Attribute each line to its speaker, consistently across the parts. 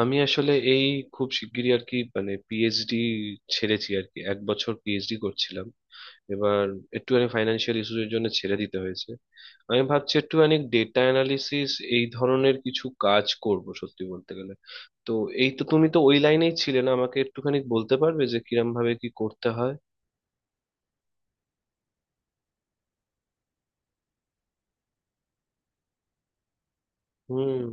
Speaker 1: আমি আসলে এই খুব শিগগিরই আর কি মানে পিএইচডি ছেড়েছি আর কি, এক বছর পিএইচডি করছিলাম। এবার একটুখানি ফাইন্যান্সিয়াল ইস্যুস এর জন্য ছেড়ে দিতে হয়েছে। আমি ভাবছি একটুখানি ডেটা অ্যানালিসিস এই ধরনের কিছু কাজ করব সত্যি বলতে গেলে। তো এই তো, তুমি তো ওই লাইনেই ছিলে না, আমাকে একটুখানি বলতে পারবে যে কিরম ভাবে কি করতে হয়? হুম,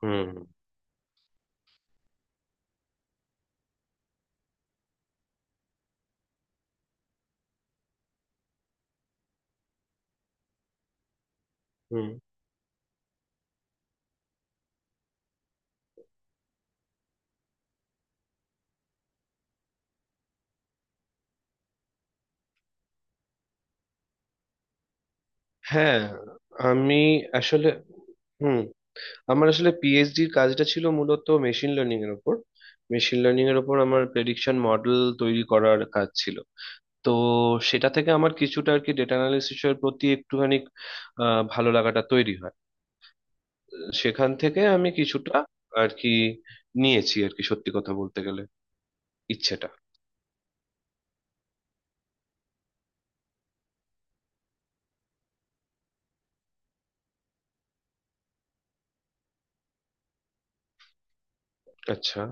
Speaker 1: হুম, হুম। হ্যাঁ, আমি আসলে, হুম, আমার আসলে পিএইচডির কাজটা ছিল মূলত মেশিন লার্নিং এর উপর। মেশিন লার্নিং এর উপর আমার প্রেডিকশন মডেল তৈরি করার কাজ ছিল। তো সেটা থেকে আমার কিছুটা আর কি ডেটা অ্যানালিসিস এর প্রতি একটুখানি ভালো লাগাটা তৈরি হয়। সেখান থেকে আমি কিছুটা আর কি নিয়েছি আর কি, সত্যি কথা বলতে গেলে ইচ্ছেটা। আচ্ছা।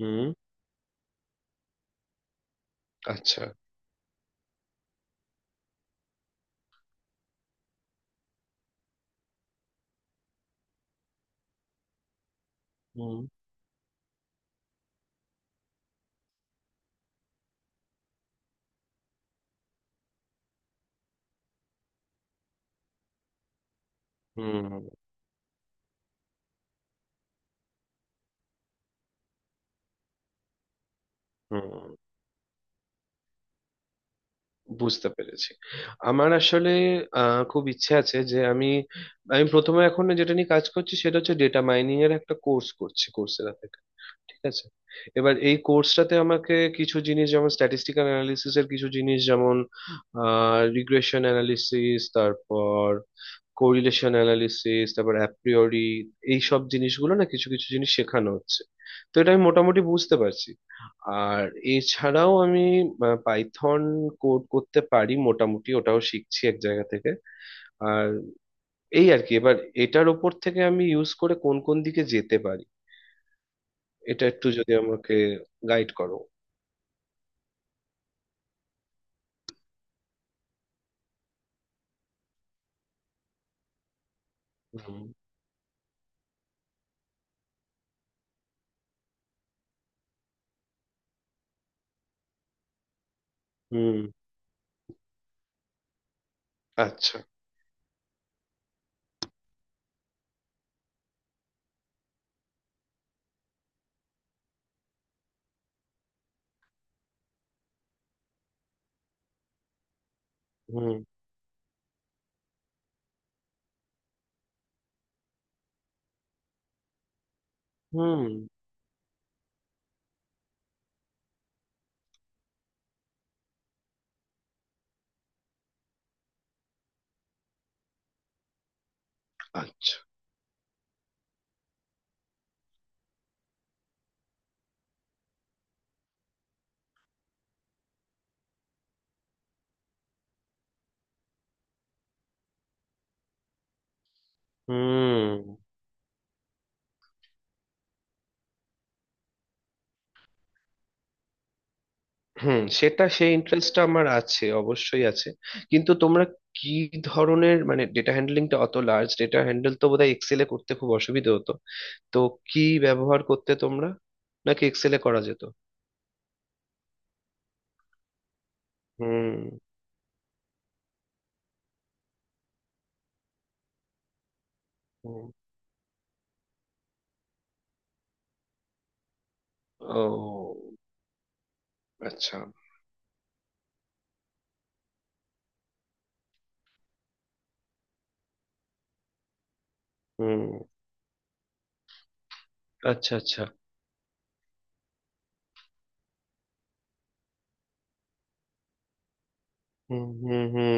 Speaker 1: হুম। আচ্ছা। হুম, হুম, হুম। বুঝতে পেরেছি। আমার আসলে খুব ইচ্ছে আছে যে আমি, আমি প্রথমে এখন যেটা নিয়ে কাজ করছি সেটা হচ্ছে ডেটা মাইনিং এর একটা কোর্স করছি কোর্সেরা। ঠিক আছে। এবার এই কোর্সটাতে আমাকে কিছু জিনিস যেমন স্ট্যাটিস্টিক্যাল অ্যানালিসিস এর কিছু জিনিস, যেমন রিগ্রেশন অ্যানালিসিস, তারপর কোরিলেশন অ্যানালিসিস, তারপর অ্যাপ্রিওরি, এই সব জিনিসগুলো না কিছু কিছু জিনিস শেখানো হচ্ছে। তো এটা আমি মোটামুটি বুঝতে পারছি। আর এছাড়াও আমি পাইথন কোড করতে পারি মোটামুটি, ওটাও শিখছি এক জায়গা থেকে। আর এই আর কি, এবার এটার ওপর থেকে আমি ইউজ করে কোন কোন দিকে যেতে পারি, এটা একটু যদি আমাকে গাইড করো। হুম, হুম। আচ্ছা। হুম, হুম। আচ্ছা। হুম, হুম, সেটা সেই ইন্টারেস্টটা আমার আছে, অবশ্যই আছে। কিন্তু তোমরা কি ধরনের, মানে ডেটা হ্যান্ডলিংটা, অত লার্জ ডেটা হ্যান্ডেল তো বোধহয় এক্সেলে করতে খুব অসুবিধা হতো। তো কি ব্যবহার করতে তোমরা, নাকি এক্সেলে করা যেত? হুম, হুম। ও আচ্ছা। হুম। আচ্ছা, আচ্ছা। হুম, হুম, হুম।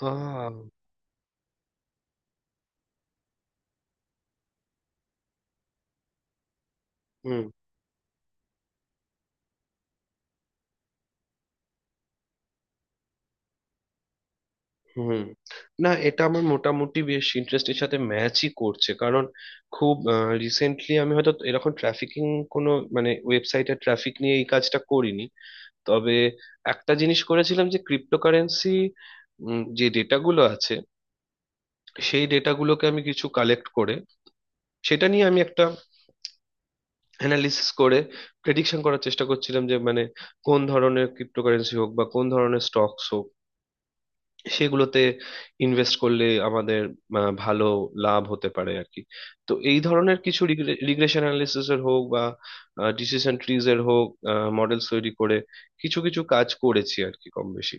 Speaker 1: আহ, হুম, হুম, না এটা আমার মোটামুটি বেশ ইন্টারেস্টের সাথে ম্যাচই করছে কারণ খুব রিসেন্টলি আমি হয়তো এরকম ট্রাফিকিং কোনো, মানে ওয়েবসাইটে ট্রাফিক নিয়ে এই কাজটা করিনি। তবে একটা জিনিস করেছিলাম যে ক্রিপ্টোকারেন্সি যে ডেটাগুলো আছে সেই ডেটাগুলোকে আমি কিছু কালেক্ট করে সেটা নিয়ে আমি একটা অ্যানালিসিস করে প্রেডিকশন করার চেষ্টা করছিলাম যে, মানে কোন ধরনের ক্রিপ্টোকারেন্সি হোক বা কোন ধরনের স্টকস হোক সেগুলোতে ইনভেস্ট করলে আমাদের ভালো লাভ হতে পারে আর কি। তো এই ধরনের কিছু রিগ্রেশন অ্যানালিসিস এর হোক বা ডিসিশন ট্রিজ এর হোক মডেলস তৈরি করে কিছু কিছু কাজ করেছি আর কি, কম বেশি।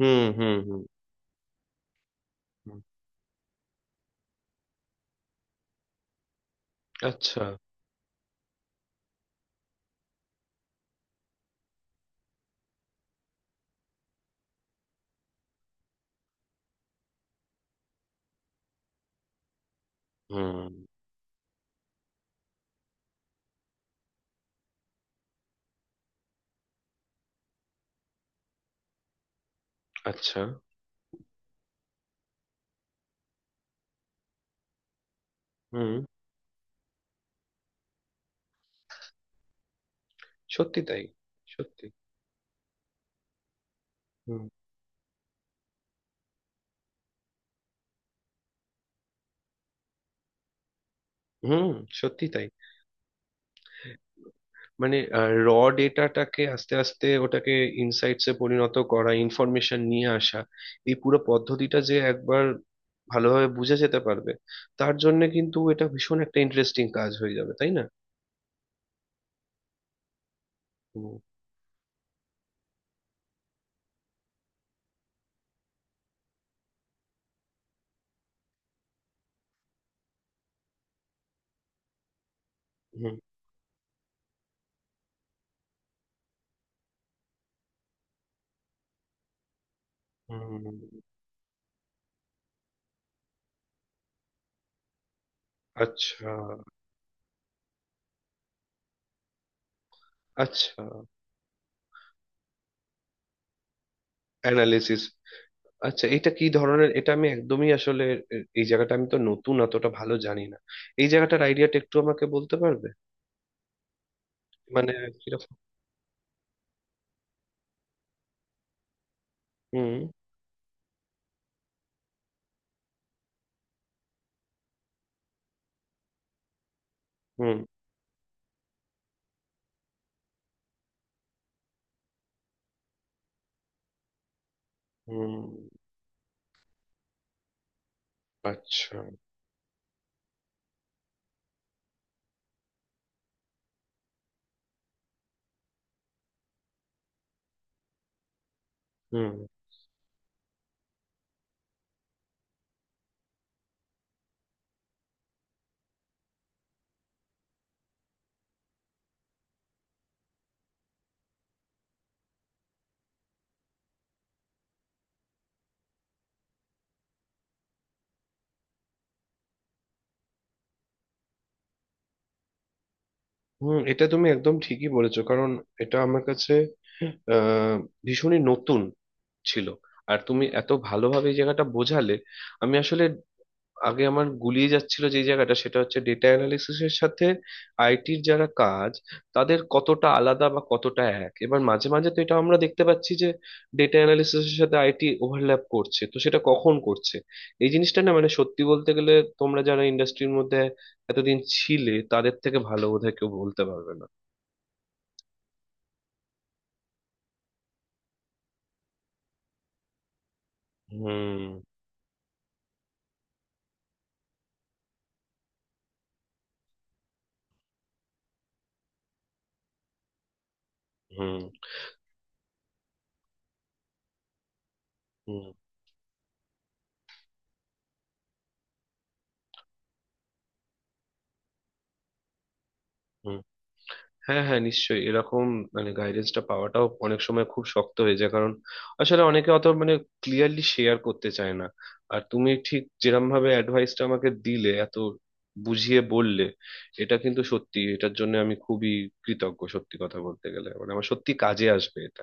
Speaker 1: হুম, হুম, হুম। হুম। আচ্ছা। হুম। আচ্ছা। হুম। সত্যি তাই, সত্যি। হুম, হুম, সত্যি তাই। মানে র ডেটাটাকে আস্তে আস্তে ওটাকে ইনসাইটসে পরিণত করা, ইনফরমেশন নিয়ে আসা, এই পুরো পদ্ধতিটা যে একবার ভালোভাবে বুঝে যেতে পারবে, তার জন্য কিন্তু এটা ভীষণ একটা ইন্টারেস্টিং কাজ হয়ে যাবে, তাই না? হুম, হুম, হুম। আচ্ছা, আচ্ছা। অ্যানালিসিস। আচ্ছা এটা কি ধরনের, এটা আমি একদমই আসলে, এই জায়গাটা আমি তো নতুন, অতটা ভালো জানি না। এই জায়গাটার আইডিয়াটা একটু আমাকে বলতে পারবে, মানে কিরকম? হুম, হুম, হুম। আচ্ছা। হুম, হুম, এটা তুমি একদম ঠিকই বলেছো কারণ এটা আমার কাছে আহ ভীষণই নতুন ছিল। আর তুমি এত ভালোভাবে এই জায়গাটা বোঝালে আমি আসলে, আগে আমার গুলিয়ে যাচ্ছিল যে জায়গাটা, সেটা হচ্ছে ডেটা অ্যানালিসিসের সাথে আইটির যারা কাজ তাদের কতটা আলাদা বা কতটা এক। এবার মাঝে মাঝে তো এটা আমরা দেখতে পাচ্ছি যে ডেটা অ্যানালিসিসের সাথে আইটি ওভারল্যাপ করছে, তো সেটা কখন করছে এই জিনিসটা না, মানে সত্যি বলতে গেলে তোমরা যারা ইন্ডাস্ট্রির মধ্যে এতদিন ছিলে তাদের থেকে ভালো বোধহয় কেউ বলতে পারবে না। হুম, হুম, হুম, হুম। হ্যাঁ, হ্যাঁ, নিশ্চয়ই। এরকম, মানে গাইডেন্সটা পাওয়াটাও অনেক সময় খুব শক্ত হয়ে যায় কারণ আসলে অনেকে অত, মানে ক্লিয়ারলি শেয়ার করতে চায় না। আর তুমি ঠিক যেরকম ভাবে অ্যাডভাইসটা আমাকে দিলে, এত বুঝিয়ে বললে, এটা কিন্তু সত্যি, এটার জন্য আমি খুবই কৃতজ্ঞ সত্যি কথা বলতে গেলে, মানে আমার সত্যি কাজে আসবে এটা।